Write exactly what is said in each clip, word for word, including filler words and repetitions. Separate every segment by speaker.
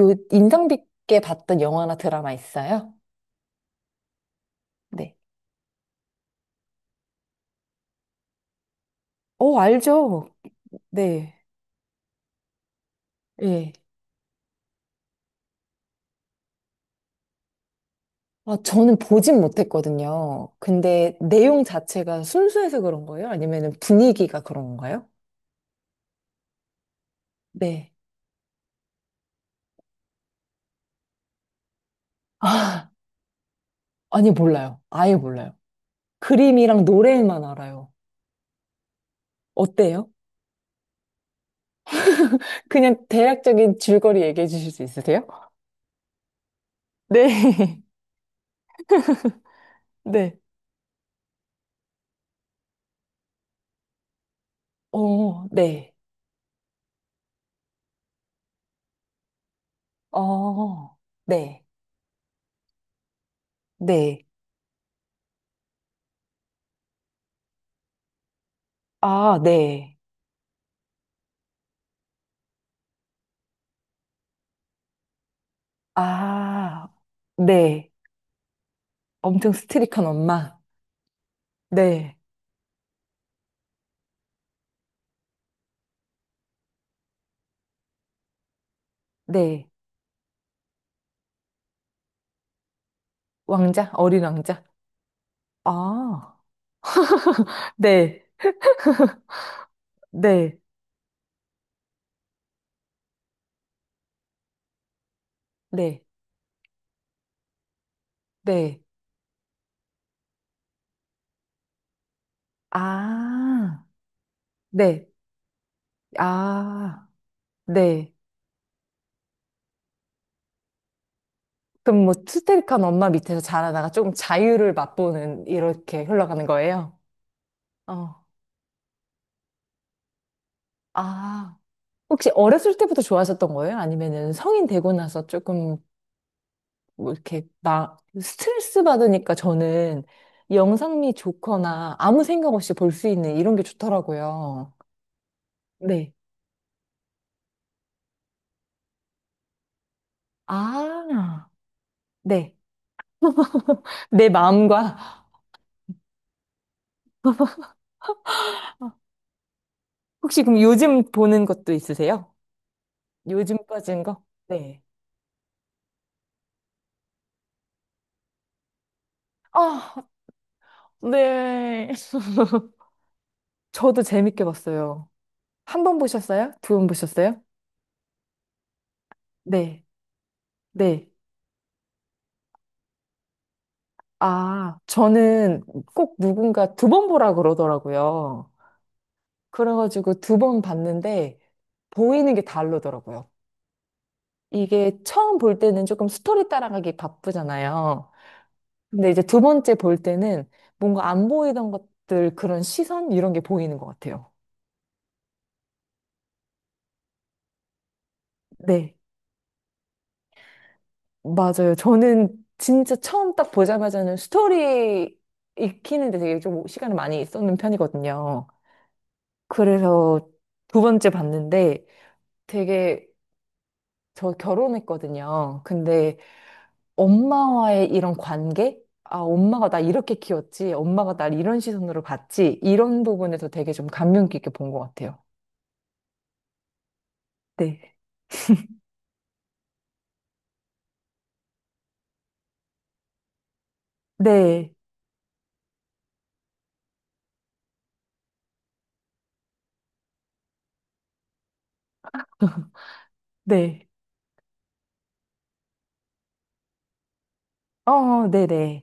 Speaker 1: 요 인상 깊게 봤던 영화나 드라마 있어요? 네. 어, 알죠. 네. 예. 아, 저는 보진 못했거든요. 근데 내용 자체가 순수해서 그런 거예요? 아니면 분위기가 그런 건가요? 네. 아, 아니, 몰라요. 아예 몰라요. 그림이랑 노래만 알아요. 어때요? 그냥 대략적인 줄거리 얘기해 주실 수 있으세요? 네. 네. 어, 네. 어, 네. 네. 아, 네. 아, 네. 엄청 스트릭한 엄마. 네, 네. 왕자? 어린 왕자? 아, 네, 네, 네, 네. 아, 네. 아, 네. 그럼 뭐 스트릭한 엄마 밑에서 자라다가 조금 자유를 맛보는 이렇게 흘러가는 거예요? 어. 아, 혹시 어렸을 때부터 좋아하셨던 거예요? 아니면은 성인 되고 나서 조금 뭐 이렇게 막 스트레스 받으니까 저는 영상미 좋거나 아무 생각 없이 볼 수 있는 이런 게 좋더라고요. 네. 아, 네. 내 마음과 혹시 그럼 요즘 보는 것도 있으세요? 요즘 빠진 거? 네. 아, 네. 저도 재밌게 봤어요. 한 번 보셨어요? 두 번 보셨어요? 네. 네. 아, 저는 꼭 누군가 두 번 보라 그러더라고요. 그래가지고 두 번 봤는데 보이는 게 다르더라고요. 이게 처음 볼 때는 조금 스토리 따라가기 바쁘잖아요. 근데 이제 두 번째 볼 때는 뭔가 안 보이던 것들 그런 시선 이런 게 보이는 것 같아요. 네, 맞아요. 저는 진짜 처음 딱 보자마자는 스토리 익히는데 되게 좀 시간을 많이 쏟는 편이거든요. 그래서 두 번째 봤는데 되게 저 결혼했거든요. 근데 엄마와의 이런 관계? 아, 엄마가 나 이렇게 키웠지. 엄마가 날 이런 시선으로 봤지. 이런 부분에서 되게 좀 감명 깊게 본 것 같아요. 네. 네. 네. 어, 네네.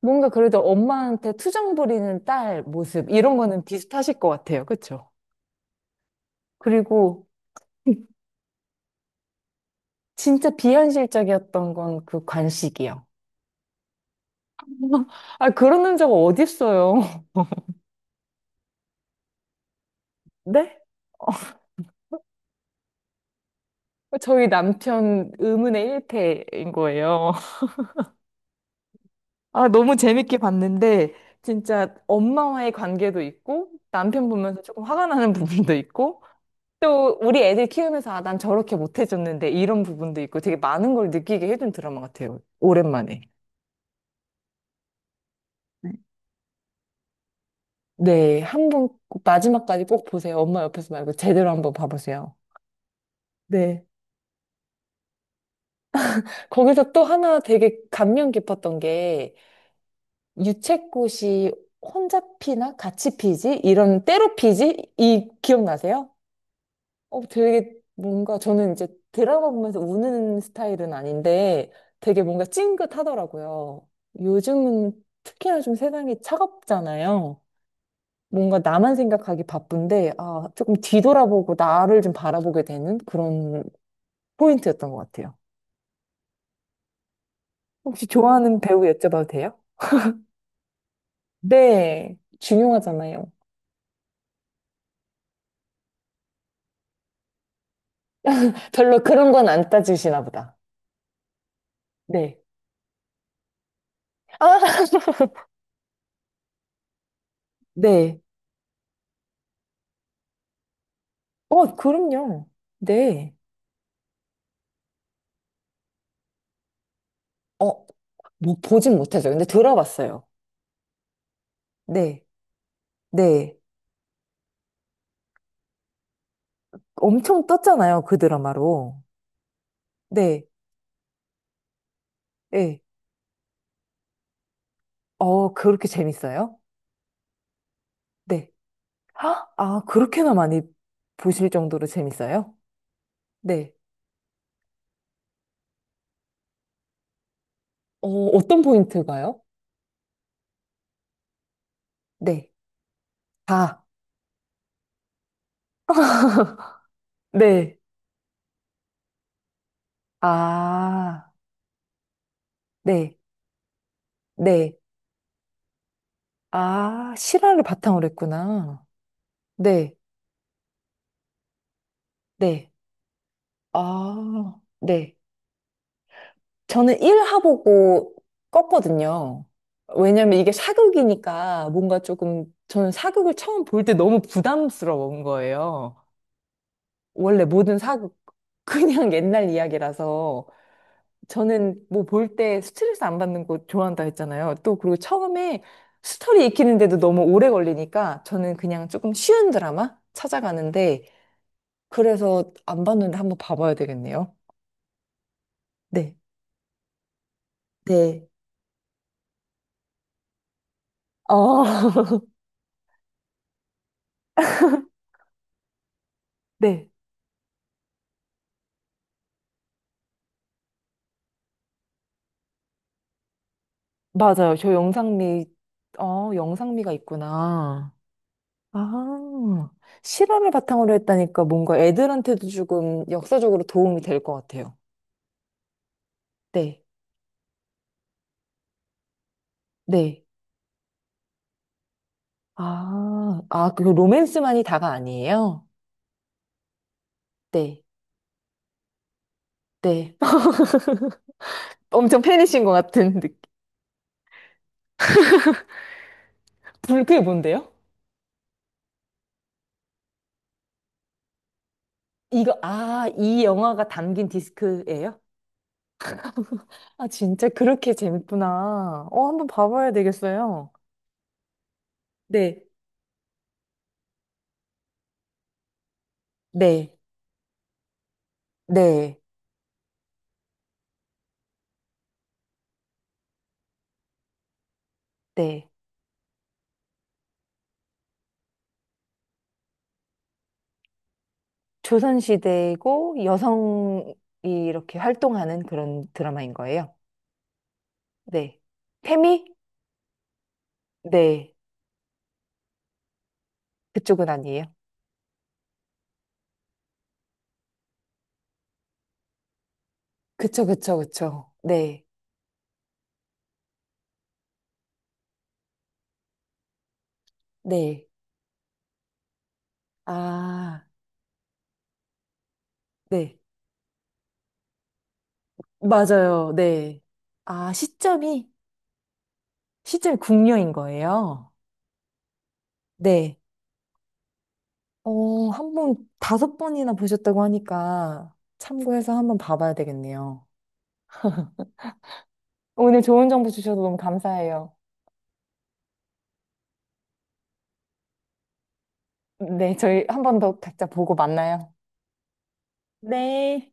Speaker 1: 뭔가 그래도 엄마한테 투정 부리는 딸 모습, 이런 거는 비슷하실 것 같아요. 그쵸? 그리고 진짜 비현실적이었던 건 그 관식이요. 아, 그런 남자가 어딨어요. 네? 저희 남편 의문의 일패인 거예요. 아, 너무 재밌게 봤는데, 진짜 엄마와의 관계도 있고, 남편 보면서 조금 화가 나는 부분도 있고, 또 우리 애들 키우면서, 아, 난 저렇게 못 해줬는데, 이런 부분도 있고, 되게 많은 걸 느끼게 해준 드라마 같아요. 오랜만에. 네. 네, 한번 꼭 마지막까지 꼭 보세요. 엄마 옆에서 말고 제대로 한번 봐보세요. 네. 거기서 또 하나 되게 감명 깊었던 게, 유채꽃이 혼자 피나 같이 피지? 이런 때로 피지? 이 기억나세요? 어, 되게 뭔가 저는 이제 드라마 보면서 우는 스타일은 아닌데 되게 뭔가 찡긋하더라고요. 요즘은 특히나 좀 세상이 차갑잖아요. 뭔가 나만 생각하기 바쁜데, 아, 조금 뒤돌아보고 나를 좀 바라보게 되는 그런 포인트였던 것 같아요. 혹시 좋아하는 배우 여쭤봐도 돼요? 네, 중요하잖아요. 별로 그런 건 안 따지시나 보다. 네. 아, 네. 어, 그럼요. 네. 어, 뭐 보진 못했어요. 근데 들어봤어요. 네, 네. 엄청 떴잖아요, 그 드라마로. 네, 네. 어, 그렇게 재밌어요? 네. 아, 아, 그렇게나 많이 보실 정도로 재밌어요? 네, 어, 어떤 포인트가요? 네. 아, 네. 아, 네, 네. 아, 실화를 바탕으로 했구나. 네, 네. 아, 네. 저는 일 화 보고 껐거든요. 왜냐면 이게 사극이니까 뭔가 조금 저는 사극을 처음 볼 때 너무 부담스러운 거예요. 원래 모든 사극 그냥 옛날 이야기라서 저는 뭐 볼 때 스트레스 안 받는 거 좋아한다 했잖아요. 또 그리고 처음에 스토리 익히는데도 너무 오래 걸리니까 저는 그냥 조금 쉬운 드라마 찾아가는데 그래서 안 봤는데 한번 봐봐야 되겠네요. 네. 네. 어, 네. 맞아요. 저 영상미, 어, 영상미가 있구나. 아, 실험을 바탕으로 했다니까 뭔가 애들한테도 조금 역사적으로 도움이 될 것 같아요. 네, 네. 아, 아, 그 로맨스만이 다가 아니에요? 네, 네. 엄청 팬이신 것 같은 느낌. 불, 그게 뭔데요? 이거, 아, 이 영화가 담긴 디스크예요? 아, 진짜 그렇게 재밌구나. 어, 한번 봐봐야 되겠어요. 네, 네, 네, 네. 조선시대고 여성이 이렇게 활동하는 그런 드라마인 거예요. 네. 태미? 네. 그쪽은 아니에요. 그쵸, 그쵸, 그쵸. 네. 네. 아, 네. 맞아요. 네. 아, 시점이, 시점이 궁녀인 거예요. 네. 어, 한 번, 다섯 번이나 보셨다고 하니까 참고해서 한번 봐봐야 되겠네요. 오늘 좋은 정보 주셔서 너무 감사해요. 네, 저희 한 번 더 각자 보고 만나요. 네.